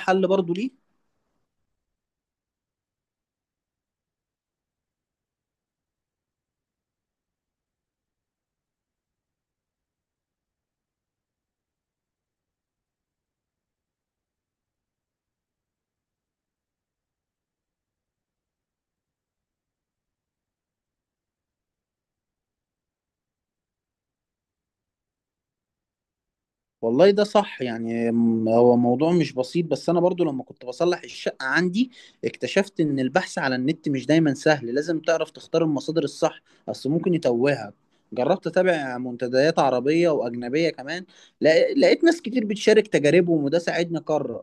حل برضو ليه؟ والله ده صح يعني هو موضوع مش بسيط، بس انا برضو لما كنت بصلح الشقة عندي اكتشفت ان البحث على النت مش دايما سهل. لازم تعرف تختار المصادر الصح، اصل ممكن يتوهك. جربت اتابع منتديات عربية واجنبية كمان، لقيت ناس كتير بتشارك تجاربهم وده ساعدني اقرر.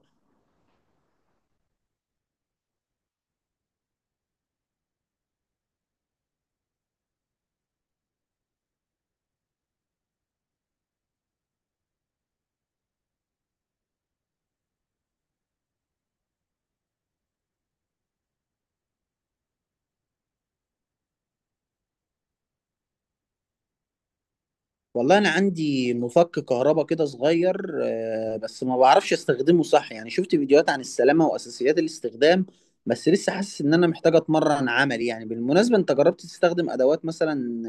والله انا عندي مفك كهرباء كده صغير، بس ما بعرفش استخدمه صح يعني، شفت فيديوهات عن السلامة واساسيات الاستخدام، بس لسه حاسس ان محتاج اتمرن عملي يعني. بالمناسبة انت جربت تستخدم ادوات مثلا؟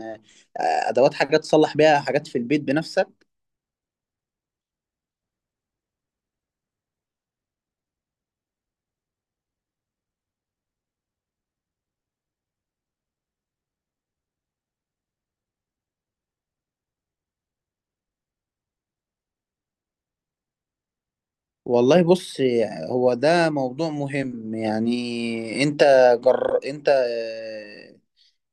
آه، ادوات، حاجات تصلح بيها حاجات في البيت بنفسك؟ والله بص، هو ده موضوع مهم يعني، انت جر... انت آه،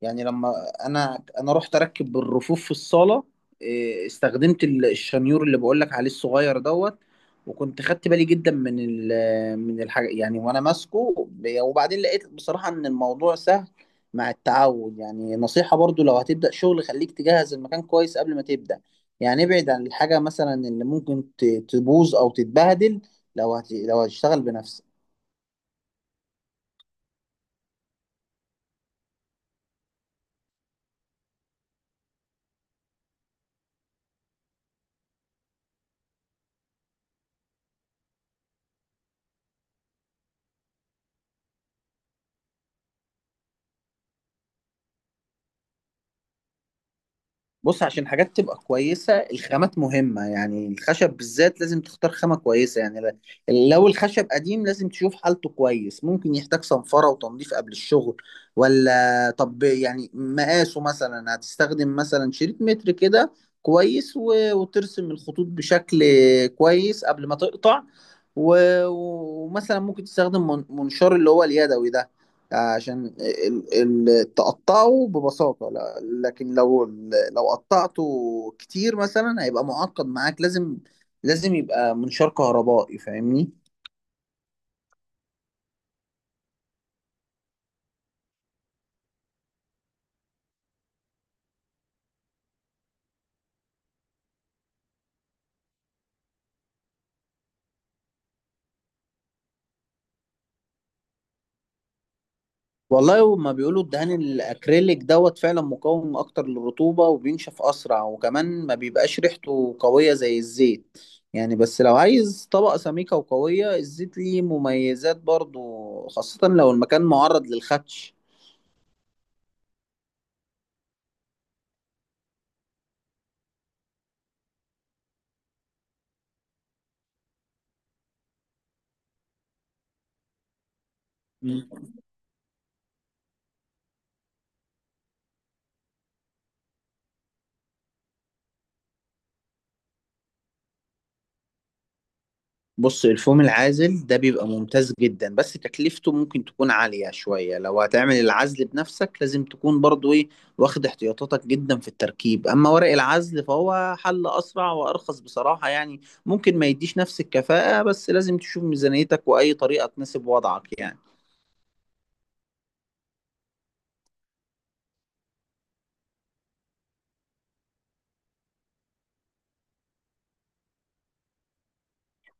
يعني لما انا انا رحت اركب الرفوف في الصاله، إيه، استخدمت الشنيور اللي بقول لك عليه الصغير دوت، وكنت خدت بالي جدا من من الحاجه يعني، وانا ماسكه وبعدين لقيت بصراحه ان الموضوع سهل مع التعود يعني. نصيحه برضو، لو هتبدا شغل خليك تجهز المكان كويس قبل ما تبدا، يعني ابعد عن الحاجه مثلا اللي ممكن تبوظ او تتبهدل لو هتشتغل بنفسك. بص، عشان حاجات تبقى كويسة، الخامات مهمة يعني، الخشب بالذات لازم تختار خامة كويسة يعني. لو الخشب قديم لازم تشوف حالته كويس، ممكن يحتاج صنفرة وتنظيف قبل الشغل، ولا طب يعني مقاسه، مثلا هتستخدم مثلا شريط متر كده كويس، وترسم الخطوط بشكل كويس قبل ما تقطع. و- ومثلا ممكن تستخدم منشار اللي هو اليدوي ده عشان تقطعه ببساطة، لكن لو قطعته كتير مثلا هيبقى معقد معاك، لازم يبقى منشار كهربائي، فاهمني؟ والله هما بيقولوا الدهان الأكريليك دوت فعلا مقاوم أكتر للرطوبة وبينشف أسرع، وكمان ما بيبقاش ريحته قوية زي الزيت يعني. بس لو عايز طبقة سميكة وقوية، الزيت ليه مميزات برضو، خاصة لو المكان معرض للخدش. بص الفوم العازل ده بيبقى ممتاز جدا، بس تكلفته ممكن تكون عالية شوية. لو هتعمل العزل بنفسك لازم تكون برضو ايه، واخد احتياطاتك جدا في التركيب. اما ورق العزل فهو حل اسرع وارخص بصراحة يعني، ممكن ما يديش نفس الكفاءة، بس لازم تشوف ميزانيتك واي طريقة تناسب وضعك يعني.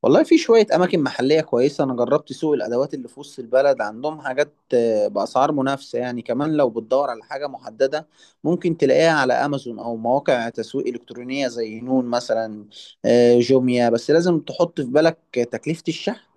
والله في شوية أماكن محلية كويسة، أنا جربت سوق الأدوات اللي في وسط البلد، عندهم حاجات بأسعار منافسة يعني. كمان لو بتدور على حاجة محددة ممكن تلاقيها على أمازون أو مواقع تسويق إلكترونية زي نون مثلا، جوميا، بس لازم تحط في بالك تكلفة الشحن.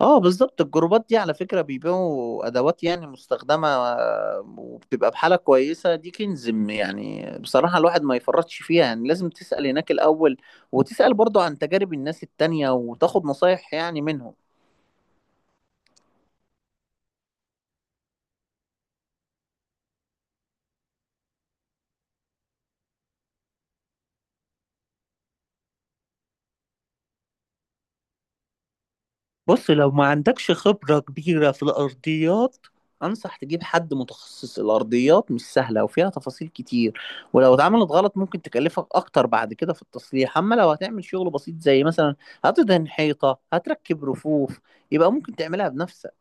اه بالظبط، الجروبات دي على فكرة بيبيعوا أدوات يعني مستخدمة، وبتبقى بحالة كويسة، دي كنز يعني بصراحة الواحد ما يفرطش فيها يعني، لازم تسأل هناك الأول، وتسأل برضو عن تجارب الناس التانية وتاخد نصايح يعني منهم. بص لو ما عندكش خبرة كبيرة في الأرضيات أنصح تجيب حد متخصص، الأرضيات مش سهلة وفيها تفاصيل كتير، ولو اتعملت غلط ممكن تكلفك أكتر بعد كده في التصليح. أما لو هتعمل شغل بسيط زي مثلا هتدهن حيطة، هتركب رفوف، يبقى ممكن تعملها بنفسك.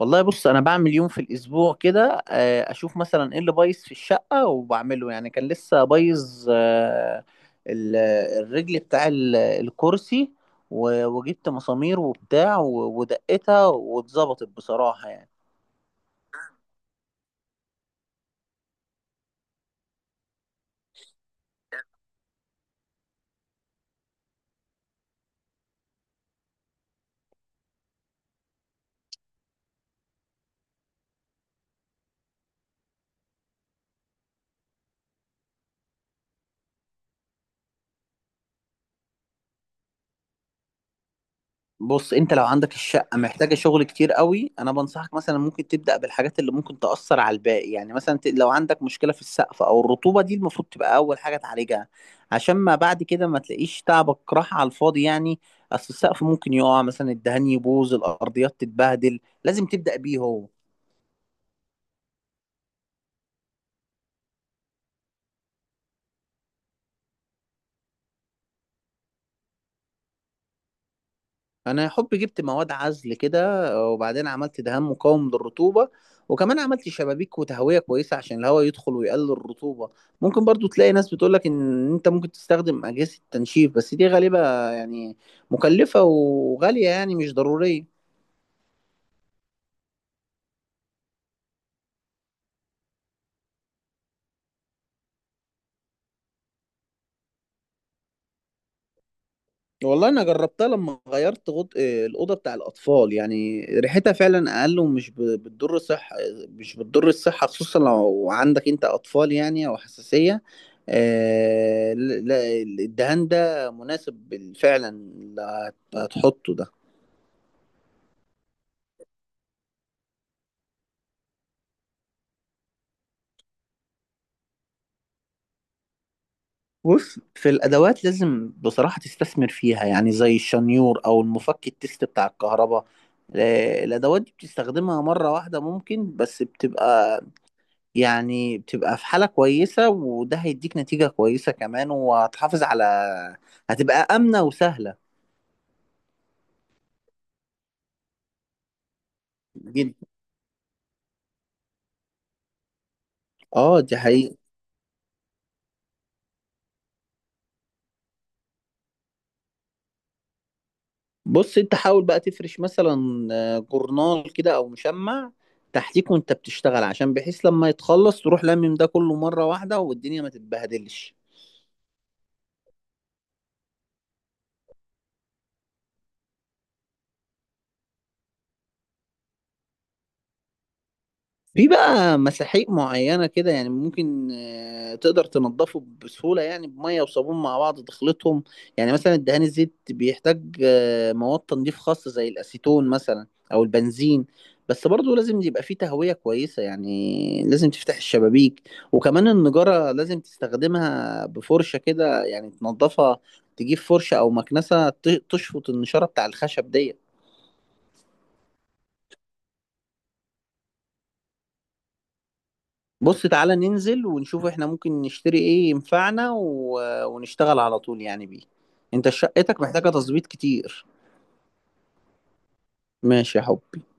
والله بص انا بعمل يوم في الاسبوع كده، اشوف مثلا ايه اللي بايظ في الشقه وبعمله يعني. كان لسه بايظ ال- الرجل بتاع الكرسي، وجبت مسامير وبتاع ودقتها واتظبطت بصراحه يعني. بص انت لو عندك الشقة محتاجة شغل كتير قوي، انا بنصحك مثلا ممكن تبدأ بالحاجات اللي ممكن تأثر على الباقي يعني. مثلا لو عندك مشكلة في السقف او الرطوبة دي المفروض تبقى اول حاجة تعالجها، عشان ما بعد كده ما تلاقيش تعبك راح على الفاضي يعني. اصل السقف ممكن يقع، مثلا الدهان يبوظ، الارضيات تتبهدل، لازم تبدأ بيه هو. انا يا حب جبت مواد عزل كده، وبعدين عملت دهان مقاوم للرطوبه، وكمان عملت شبابيك وتهويه كويسه عشان الهواء يدخل ويقلل الرطوبه. ممكن برضو تلاقي ناس بتقولك ان انت ممكن تستخدم اجهزه تنشيف، بس دي غالبا يعني مكلفه وغاليه يعني، مش ضروريه. والله انا جربتها لما غيرت غط... آه، الاوضه بتاع الاطفال، يعني ريحتها فعلا اقل ومش بتضر الصحه، مش بتضر الصحه خصوصا لو عندك انت اطفال يعني او حساسيه. لا، الدهان ده مناسب فعلا اللي هتحطه ده. بص في الادوات لازم بصراحه تستثمر فيها يعني، زي الشنيور او المفك التست بتاع الكهرباء، الادوات دي بتستخدمها مره واحده ممكن، بس بتبقى يعني بتبقى في حالة كويسة، وده هيديك نتيجة كويسة كمان، وهتحافظ على، هتبقى آمنة وسهلة. جدا. اه دي حقيقة. بص انت حاول بقى تفرش مثلا جورنال كده او مشمع تحتيك وانت بتشتغل، عشان بحيث لما يتخلص تروح لمم ده كله مرة واحدة والدنيا ما تتبهدلش. في بقى مساحيق معينة كده يعني ممكن تقدر تنضفه بسهولة، يعني بمية وصابون مع بعض تخلطهم. يعني مثلا الدهان الزيت بيحتاج مواد تنظيف خاصة زي الأسيتون مثلا أو البنزين، بس برضه لازم يبقى فيه تهوية كويسة يعني لازم تفتح الشبابيك. وكمان النجارة لازم تستخدمها بفرشة كده يعني تنضفها، تجيب فرشة أو مكنسة تشفط النشارة بتاع الخشب دي. بص تعالى ننزل ونشوف احنا ممكن نشتري ايه ينفعنا و... ونشتغل على طول يعني بيه، انت شقتك محتاجة تظبيط كتير. ماشي يا حبي.